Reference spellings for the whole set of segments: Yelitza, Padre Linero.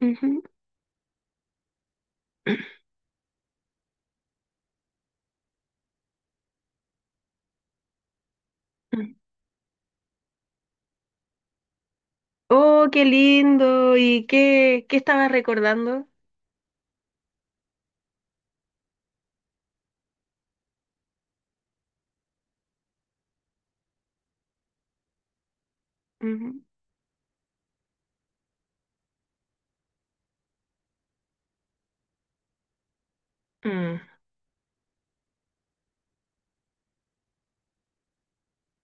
Ujú. Oh, qué lindo. ¿Y qué estabas recordando? Ujú. Mm.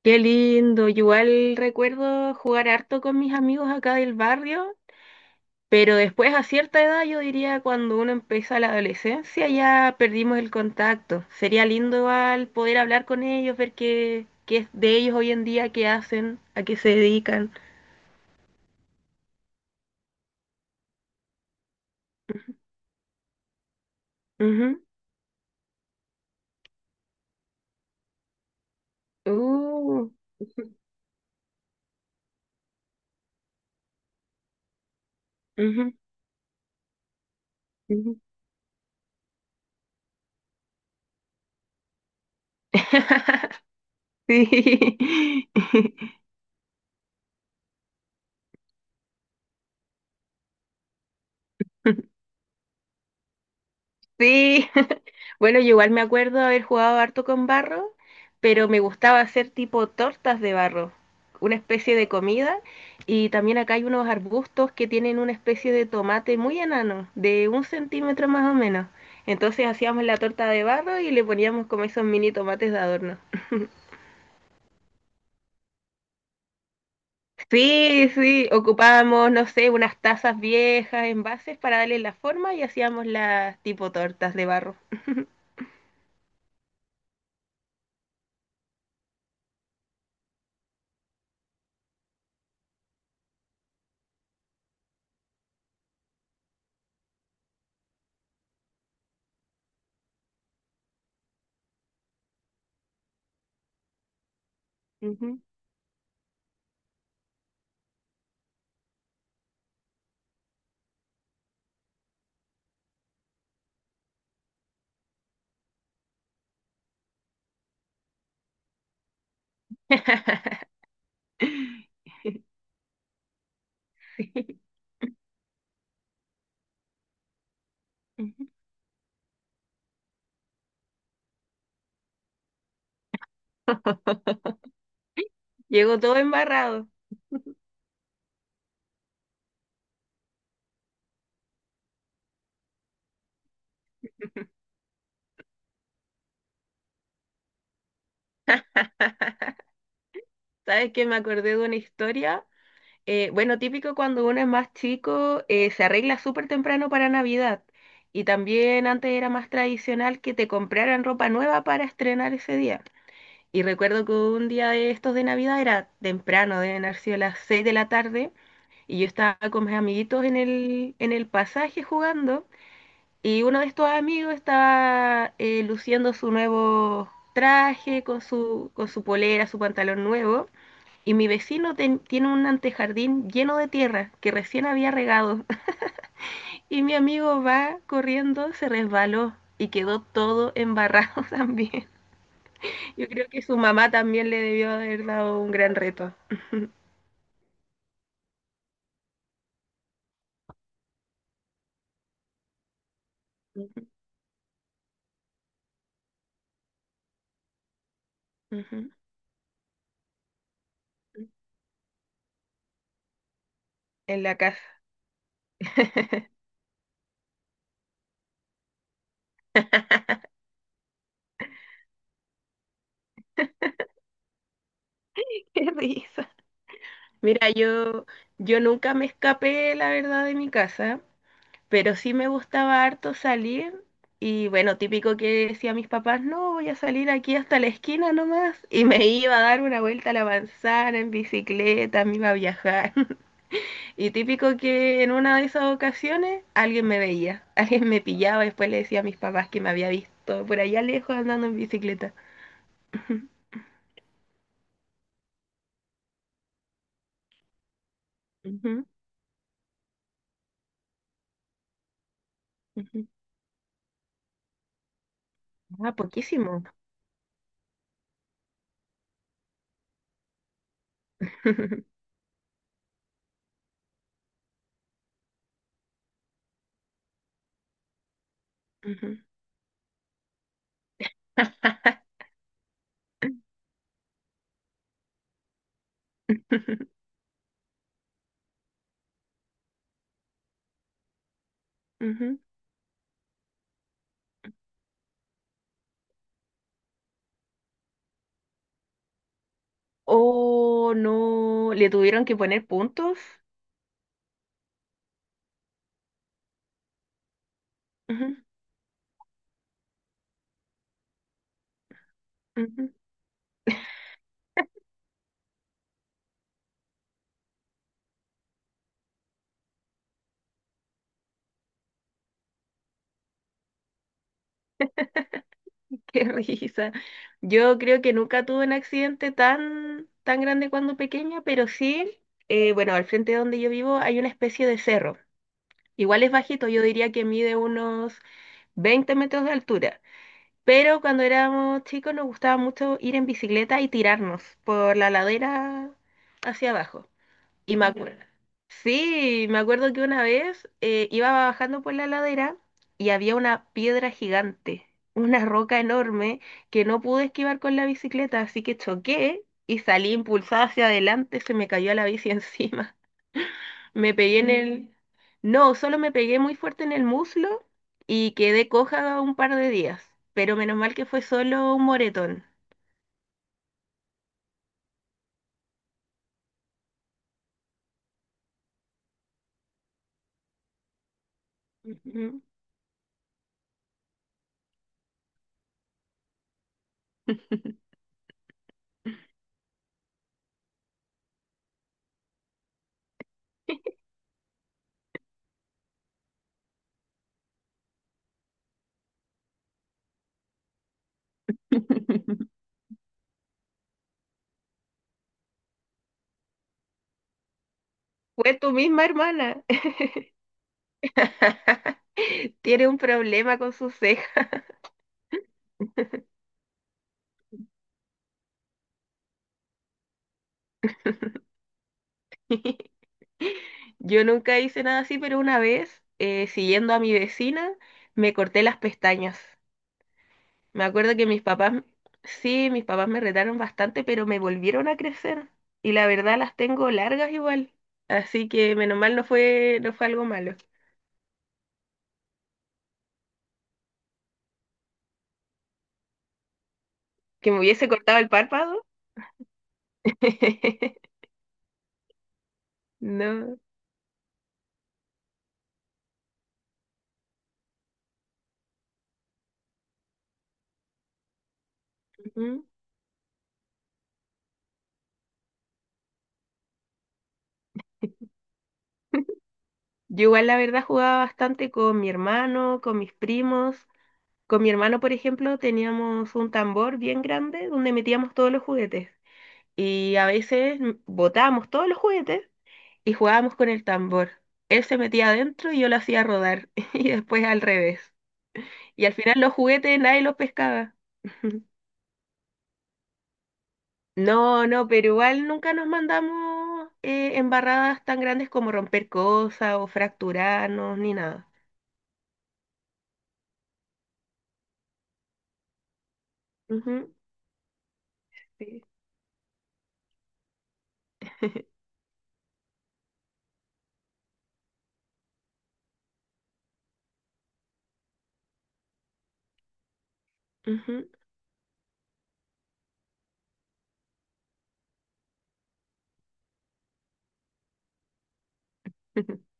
Qué lindo. Yo igual recuerdo jugar harto con mis amigos acá del barrio, pero después a cierta edad, yo diría cuando uno empieza la adolescencia, ya perdimos el contacto. Sería lindo igual poder hablar con ellos, ver qué es de ellos hoy en día, qué hacen, a qué se dedican. Ujú. Uh, ujú, ujú, ujú. Sí. Sí, bueno, yo igual me acuerdo haber jugado harto con barro, pero me gustaba hacer tipo tortas de barro, una especie de comida, y también acá hay unos arbustos que tienen una especie de tomate muy enano, de un centímetro más o menos. Entonces hacíamos la torta de barro y le poníamos como esos mini tomates de adorno. Sí, sí, ocupábamos, no sé, unas tazas viejas, envases para darle la forma y hacíamos las tipo tortas de barro. Ujú. Sí. Ujú. Llegó todo embarrado. ¿Sabes que Me acordé de una historia. Bueno, típico cuando uno es más chico, se arregla súper temprano para Navidad. Y también antes era más tradicional que te compraran ropa nueva para estrenar ese día. Y recuerdo que un día de estos de Navidad era temprano, deben haber sido las 6 de la tarde, y yo estaba con mis amiguitos en el pasaje jugando, y uno de estos amigos estaba luciendo su nuevo traje con su polera, su pantalón nuevo. Y mi vecino tiene un antejardín lleno de tierra que recién había regado y mi amigo va corriendo, se resbaló y quedó todo embarrado también. Yo creo que su mamá también le debió haber dado un gran reto. Ujú, ujú. En la casa. Qué risa. Mira, yo nunca me escapé, la verdad, de mi casa. Pero sí me gustaba harto salir y bueno, típico que decía a mis papás, no, voy a salir aquí hasta la esquina nomás y me iba a dar una vuelta a la manzana en bicicleta, me iba a viajar. Y típico que en una de esas ocasiones alguien me veía, alguien me pillaba, después le decía a mis papás que me había visto por allá lejos andando en bicicleta. Ujú, ujú. Ah, poquísimo. Ujú, ujú. Oh, no, le tuvieron que poner puntos. Ujú, ujú. Qué risa. Yo creo que nunca tuve un accidente tan grande cuando pequeña, pero sí, bueno, al frente de donde yo vivo hay una especie de cerro. Igual es bajito, yo diría que mide unos 20 metros de altura. Pero cuando éramos chicos nos gustaba mucho ir en bicicleta y tirarnos por la ladera hacia abajo. Y me acuerdo, sí, me acuerdo que una vez iba bajando por la ladera y había una piedra gigante, una roca enorme que no pude esquivar con la bicicleta, así que choqué y salí impulsada hacia adelante, se me cayó la bici encima. Me pegué en el... No, solo me pegué muy fuerte en el muslo y quedé coja un par de días, pero menos mal que fue solo un moretón. Ujú. Fue tu misma hermana. Tiene un problema con sus cejas. Yo nunca hice nada así, pero una vez, siguiendo a mi vecina, me corté las pestañas. Me acuerdo que mis papás, sí, mis papás me retaron bastante, pero me volvieron a crecer. Y la verdad las tengo largas igual. Así que menos mal no fue algo malo. Que me hubiese cortado el párpado. No. Ujú. Yo igual la verdad jugaba bastante con mi hermano, con mis primos. Con mi hermano, por ejemplo, teníamos un tambor bien grande donde metíamos todos los juguetes. Y a veces botábamos todos los juguetes y jugábamos con el tambor. Él se metía adentro y yo lo hacía rodar y después al revés. Y al final los juguetes nadie los pescaba. No, pero igual nunca nos mandamos embarradas tan grandes como romper cosas o fracturarnos ni nada. Ujú, sí. Ujú,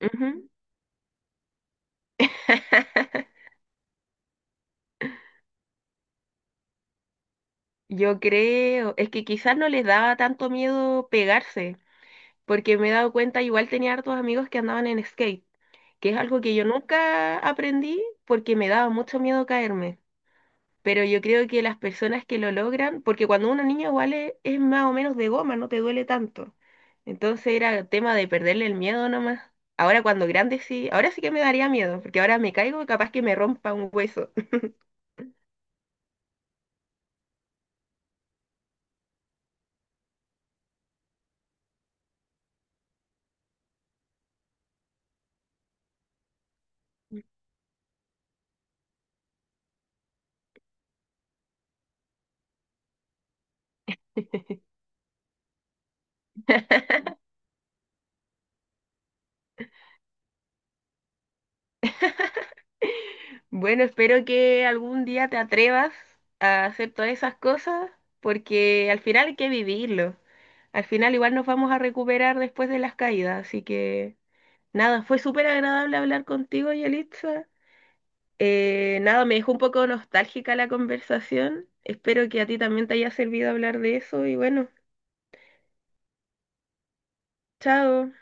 ujú. Yo creo, es que quizás no les daba tanto miedo pegarse, porque me he dado cuenta, igual tenía hartos amigos que andaban en skate, que es algo que yo nunca aprendí porque me daba mucho miedo caerme. Pero yo creo que las personas que lo logran, porque cuando uno niño igual es más o menos de goma, no te duele tanto. Entonces era tema de perderle el miedo nomás. Ahora cuando grande sí, ahora sí que me daría miedo, porque ahora me caigo y capaz que me rompa un hueso. Bueno, espero que algún día te atrevas a hacer todas esas cosas, porque al final hay que vivirlo. Al final igual nos vamos a recuperar después de las caídas, así que nada, fue súper agradable hablar contigo, Yelitza. Nada, me dejó un poco nostálgica la conversación. Espero que a ti también te haya servido hablar de eso y bueno, chao.